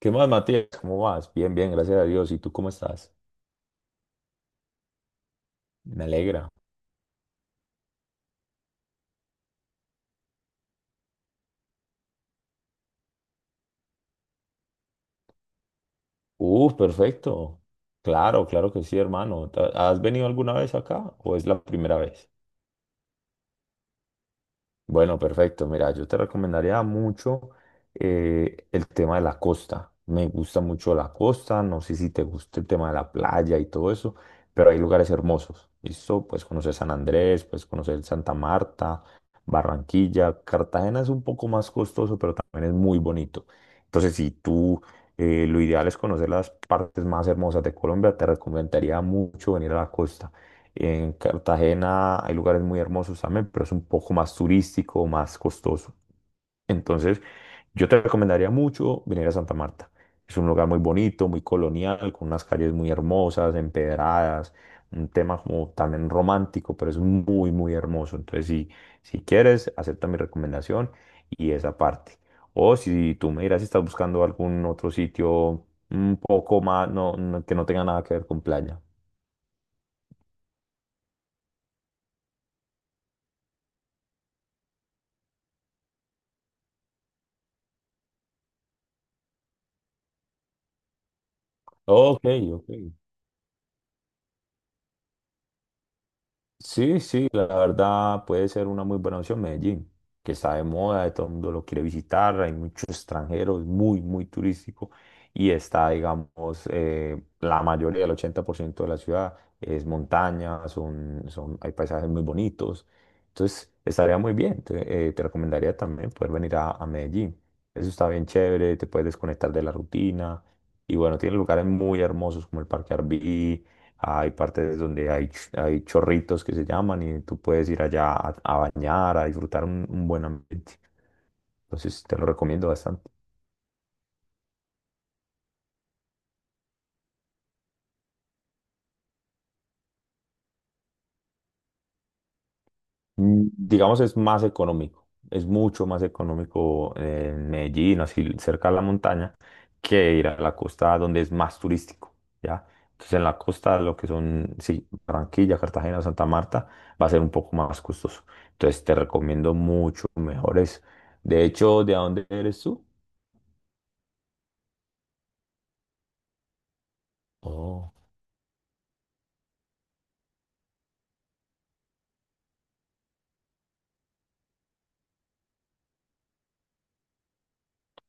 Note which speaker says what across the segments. Speaker 1: ¿Qué más, Matías? ¿Cómo vas? Bien, bien, gracias a Dios. ¿Y tú cómo estás? Me alegra. Perfecto. Claro, claro que sí, hermano. ¿Has venido alguna vez acá o es la primera vez? Bueno, perfecto. Mira, yo te recomendaría mucho el tema de la costa. Me gusta mucho la costa, no sé si te gusta el tema de la playa y todo eso, pero hay lugares hermosos. ¿Listo? Pues conocer San Andrés, pues conocer Santa Marta, Barranquilla. Cartagena es un poco más costoso, pero también es muy bonito. Entonces, si tú lo ideal es conocer las partes más hermosas de Colombia, te recomendaría mucho venir a la costa. En Cartagena hay lugares muy hermosos también, pero es un poco más turístico, más costoso. Entonces, yo te recomendaría mucho venir a Santa Marta. Es un lugar muy bonito, muy colonial, con unas calles muy hermosas, empedradas, un tema como también romántico, pero es muy, muy hermoso. Entonces, si quieres, acepta mi recomendación y esa parte. O si tú me dirás si estás buscando algún otro sitio un poco más, que no tenga nada que ver con playa. Ok, ok. Sí, sí, la verdad puede ser una muy buena opción Medellín, que está de moda, de todo el mundo lo quiere visitar, hay muchos extranjeros, muy, muy turístico y está, digamos, la mayoría, el 80% de la ciudad es montaña, hay paisajes muy bonitos, entonces estaría muy bien, te recomendaría también poder venir a Medellín, eso está bien chévere, te puedes desconectar de la rutina y bueno, tiene lugares muy hermosos como el Parque Arví, hay, partes donde hay chorritos que se llaman y tú puedes ir allá a bañar, a disfrutar un buen ambiente. Entonces te lo recomiendo bastante. Digamos es más económico, es mucho más económico en Medellín, así cerca de la montaña, que ir a la costa donde es más turístico, ¿ya? Entonces en la costa lo que son, sí, Barranquilla, Cartagena, Santa Marta, va a ser un poco más costoso. Entonces te recomiendo mucho mejores. De hecho, ¿de dónde eres tú? Oh.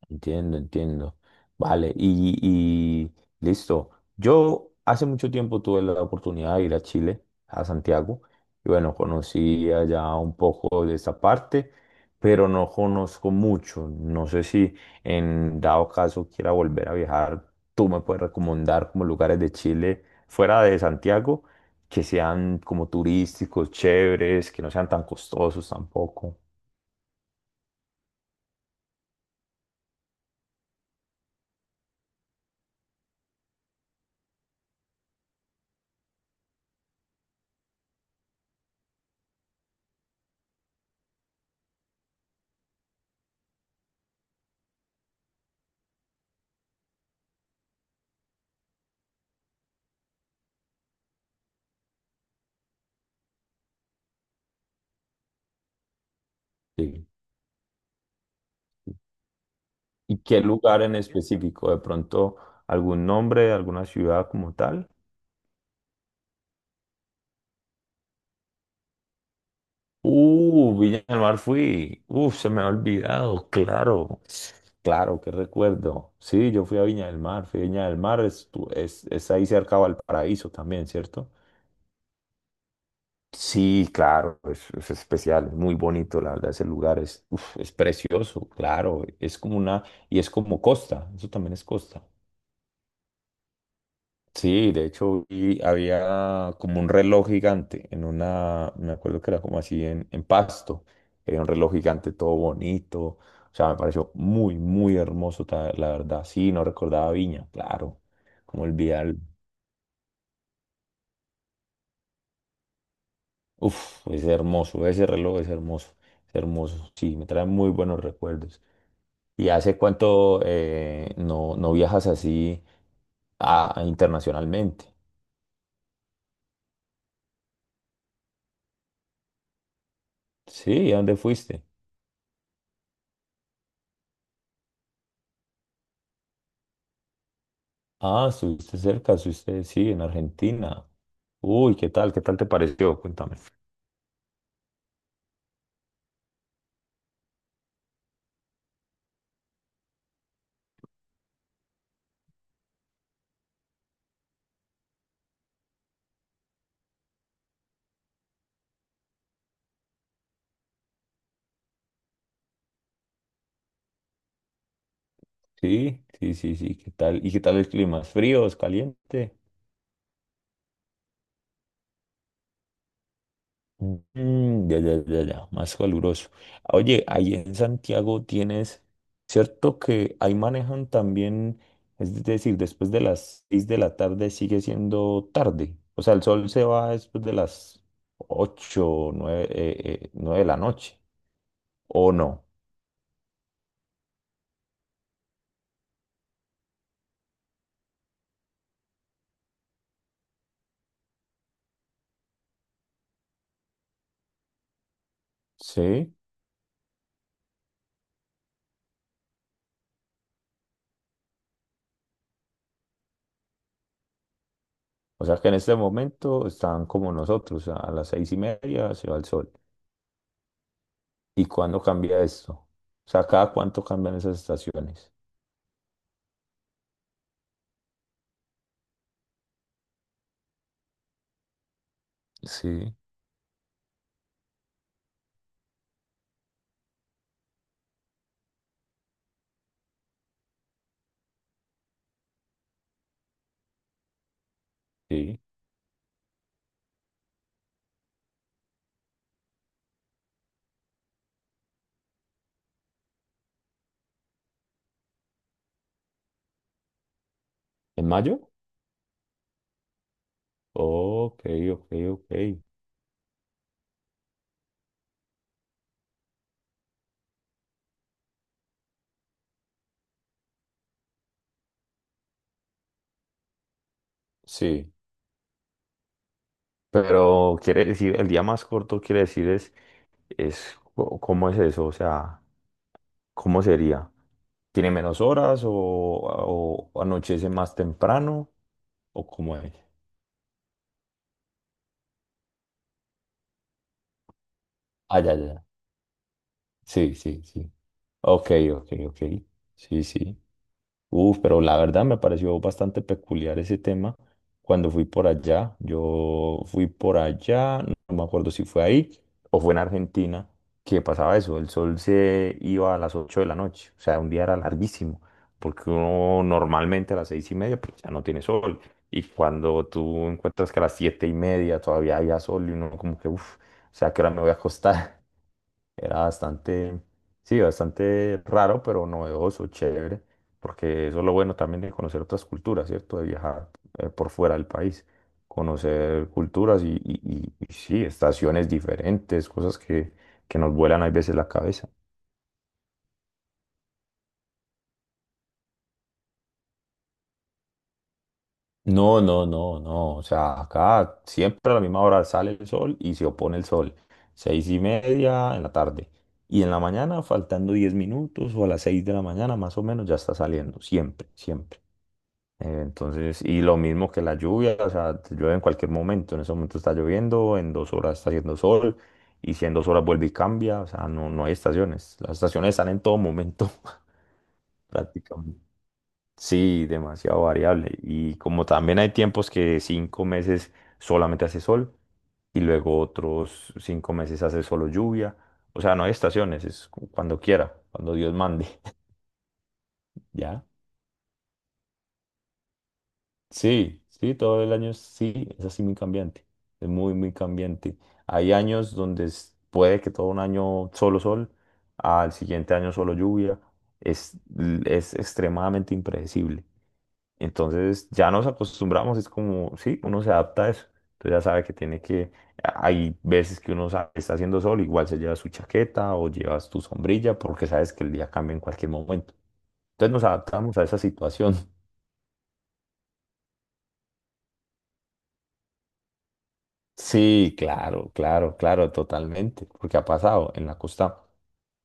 Speaker 1: Entiendo, entiendo. Vale, y listo. Yo hace mucho tiempo tuve la oportunidad de ir a Chile, a Santiago, y bueno, conocí allá un poco de esa parte, pero no conozco mucho. No sé si en dado caso quiera volver a viajar, tú me puedes recomendar como lugares de Chile fuera de Santiago que sean como turísticos, chéveres, que no sean tan costosos tampoco. Sí. ¿Y qué lugar en específico? ¿De pronto algún nombre, alguna ciudad como tal? Villa del Mar fui. Se me ha olvidado, claro. Claro, qué recuerdo. Sí, yo fui a Viña del Mar. Fui a Viña del Mar, es ahí cerca a Valparaíso también, ¿cierto? Sí, claro, es especial, es muy bonito, la verdad, ese lugar es, uf, es precioso, claro, es como una, y es como costa, eso también es costa. Sí, de hecho había como un reloj gigante en una, me acuerdo que era como así en pasto, era un reloj gigante todo bonito, o sea, me pareció muy, muy hermoso, la verdad, sí, no recordaba Viña, claro, como el Vidal, uff, es hermoso, ese reloj es hermoso, sí, me trae muy buenos recuerdos. ¿Y hace cuánto no viajas así a internacionalmente? Sí, ¿a dónde fuiste? Ah, estuviste cerca, estuviste, sí, en Argentina. Uy, ¿qué tal? ¿Qué tal te pareció? Cuéntame. Sí, sí, sí, sí, ¿qué tal? ¿Y qué tal el clima? ¿Es frío? ¿Es caliente? Mm, ya, ya, ya, ya, más caluroso. Oye, ahí en Santiago tienes, ¿cierto que ahí manejan también, es decir, después de las 6 de la tarde sigue siendo tarde? O sea, el sol se va después de las 8, 9, 9 de la noche, ¿o no? Sí. O sea que en este momento están como nosotros, a las 6:30 se va el sol. ¿Y cuándo cambia esto? O sea, ¿cada cuánto cambian esas estaciones? Sí. Sí. ¿En mayo? Ok, ok, ok. Sí. Pero quiere decir, el día más corto quiere decir es, ¿cómo es eso? O sea, ¿cómo sería? ¿Tiene menos horas o anochece más temprano? ¿O cómo es? Ah, ya, ya. ya. Sí, sí, sí. Ok, ok, ok. Sí, sí. Uf, pero la verdad me pareció bastante peculiar ese tema cuando fui por allá. Yo fui por allá, no me acuerdo si fue ahí o fue en Argentina, que pasaba eso, el sol se iba a las 8 de la noche, o sea, un día era larguísimo, porque uno normalmente a las 6:30 pues ya no tiene sol, y cuando tú encuentras que a las 7:30 todavía había sol y uno como que, uff, o sea, ¿a qué hora me voy a acostar? Era bastante, sí, bastante raro, pero novedoso, chévere, porque eso es lo bueno también de conocer otras culturas, ¿cierto? De viajar por fuera del país, conocer culturas y sí, estaciones diferentes, cosas que nos vuelan a veces la cabeza. No, no, no, no, o sea, acá siempre a la misma hora sale el sol y se opone el sol, 6:30 en la tarde. Y en la mañana, faltando 10 minutos o a las 6 de la mañana, más o menos, ya está saliendo, siempre, siempre. Entonces, y lo mismo que la lluvia, o sea, te llueve en cualquier momento, en ese momento está lloviendo, en 2 horas está haciendo sol, y si en 2 horas vuelve y cambia, o sea, no, no hay estaciones, las estaciones están en todo momento prácticamente. Sí, demasiado variable. Y como también hay tiempos que 5 meses solamente hace sol y luego otros 5 meses hace solo lluvia, o sea, no hay estaciones, cuando quiera, cuando Dios mande, ¿ya? Sí, sí, todo el año sí, es así muy cambiante, es muy, muy cambiante. Hay años donde puede que todo un año solo sol, al siguiente año solo lluvia, es, extremadamente impredecible. Entonces ya nos acostumbramos, es como, sí, uno se adapta a eso. Entonces ya sabe que tiene que, hay veces que uno sabe que está haciendo sol, igual se lleva su chaqueta o llevas tu sombrilla porque sabes que el día cambia en cualquier momento. Entonces nos adaptamos a esa situación. Sí, claro, claro, claro, totalmente, porque ha pasado en la costa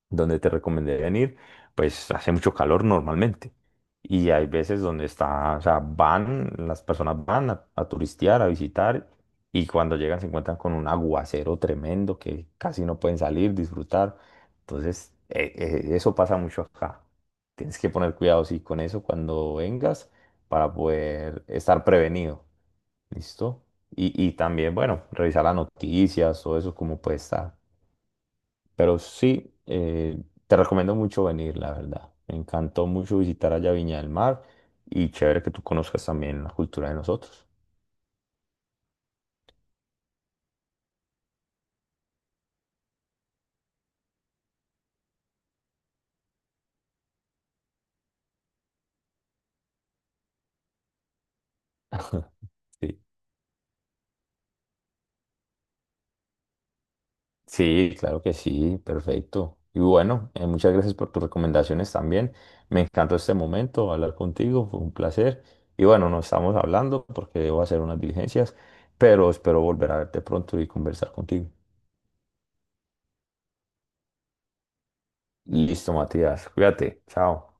Speaker 1: donde te recomendé venir, pues hace mucho calor normalmente. Y hay veces donde está, o sea, van, las personas van a turistear, a visitar, y cuando llegan se encuentran con un aguacero tremendo que casi no pueden salir, disfrutar. Entonces, eso pasa mucho acá. Tienes que poner cuidado, sí, con eso cuando vengas para poder estar prevenido. Listo. Y también, bueno, revisar las noticias, todo eso, como puede estar. Pero sí, te recomiendo mucho venir, la verdad. Me encantó mucho visitar allá Viña del Mar y chévere que tú conozcas también la cultura de nosotros. Sí, sí, claro que sí, perfecto. Y bueno, muchas gracias por tus recomendaciones también. Me encantó este momento hablar contigo, fue un placer. Y bueno, nos estamos hablando porque debo hacer unas diligencias, pero espero volver a verte pronto y conversar contigo. Listo, Matías. Cuídate. Chao.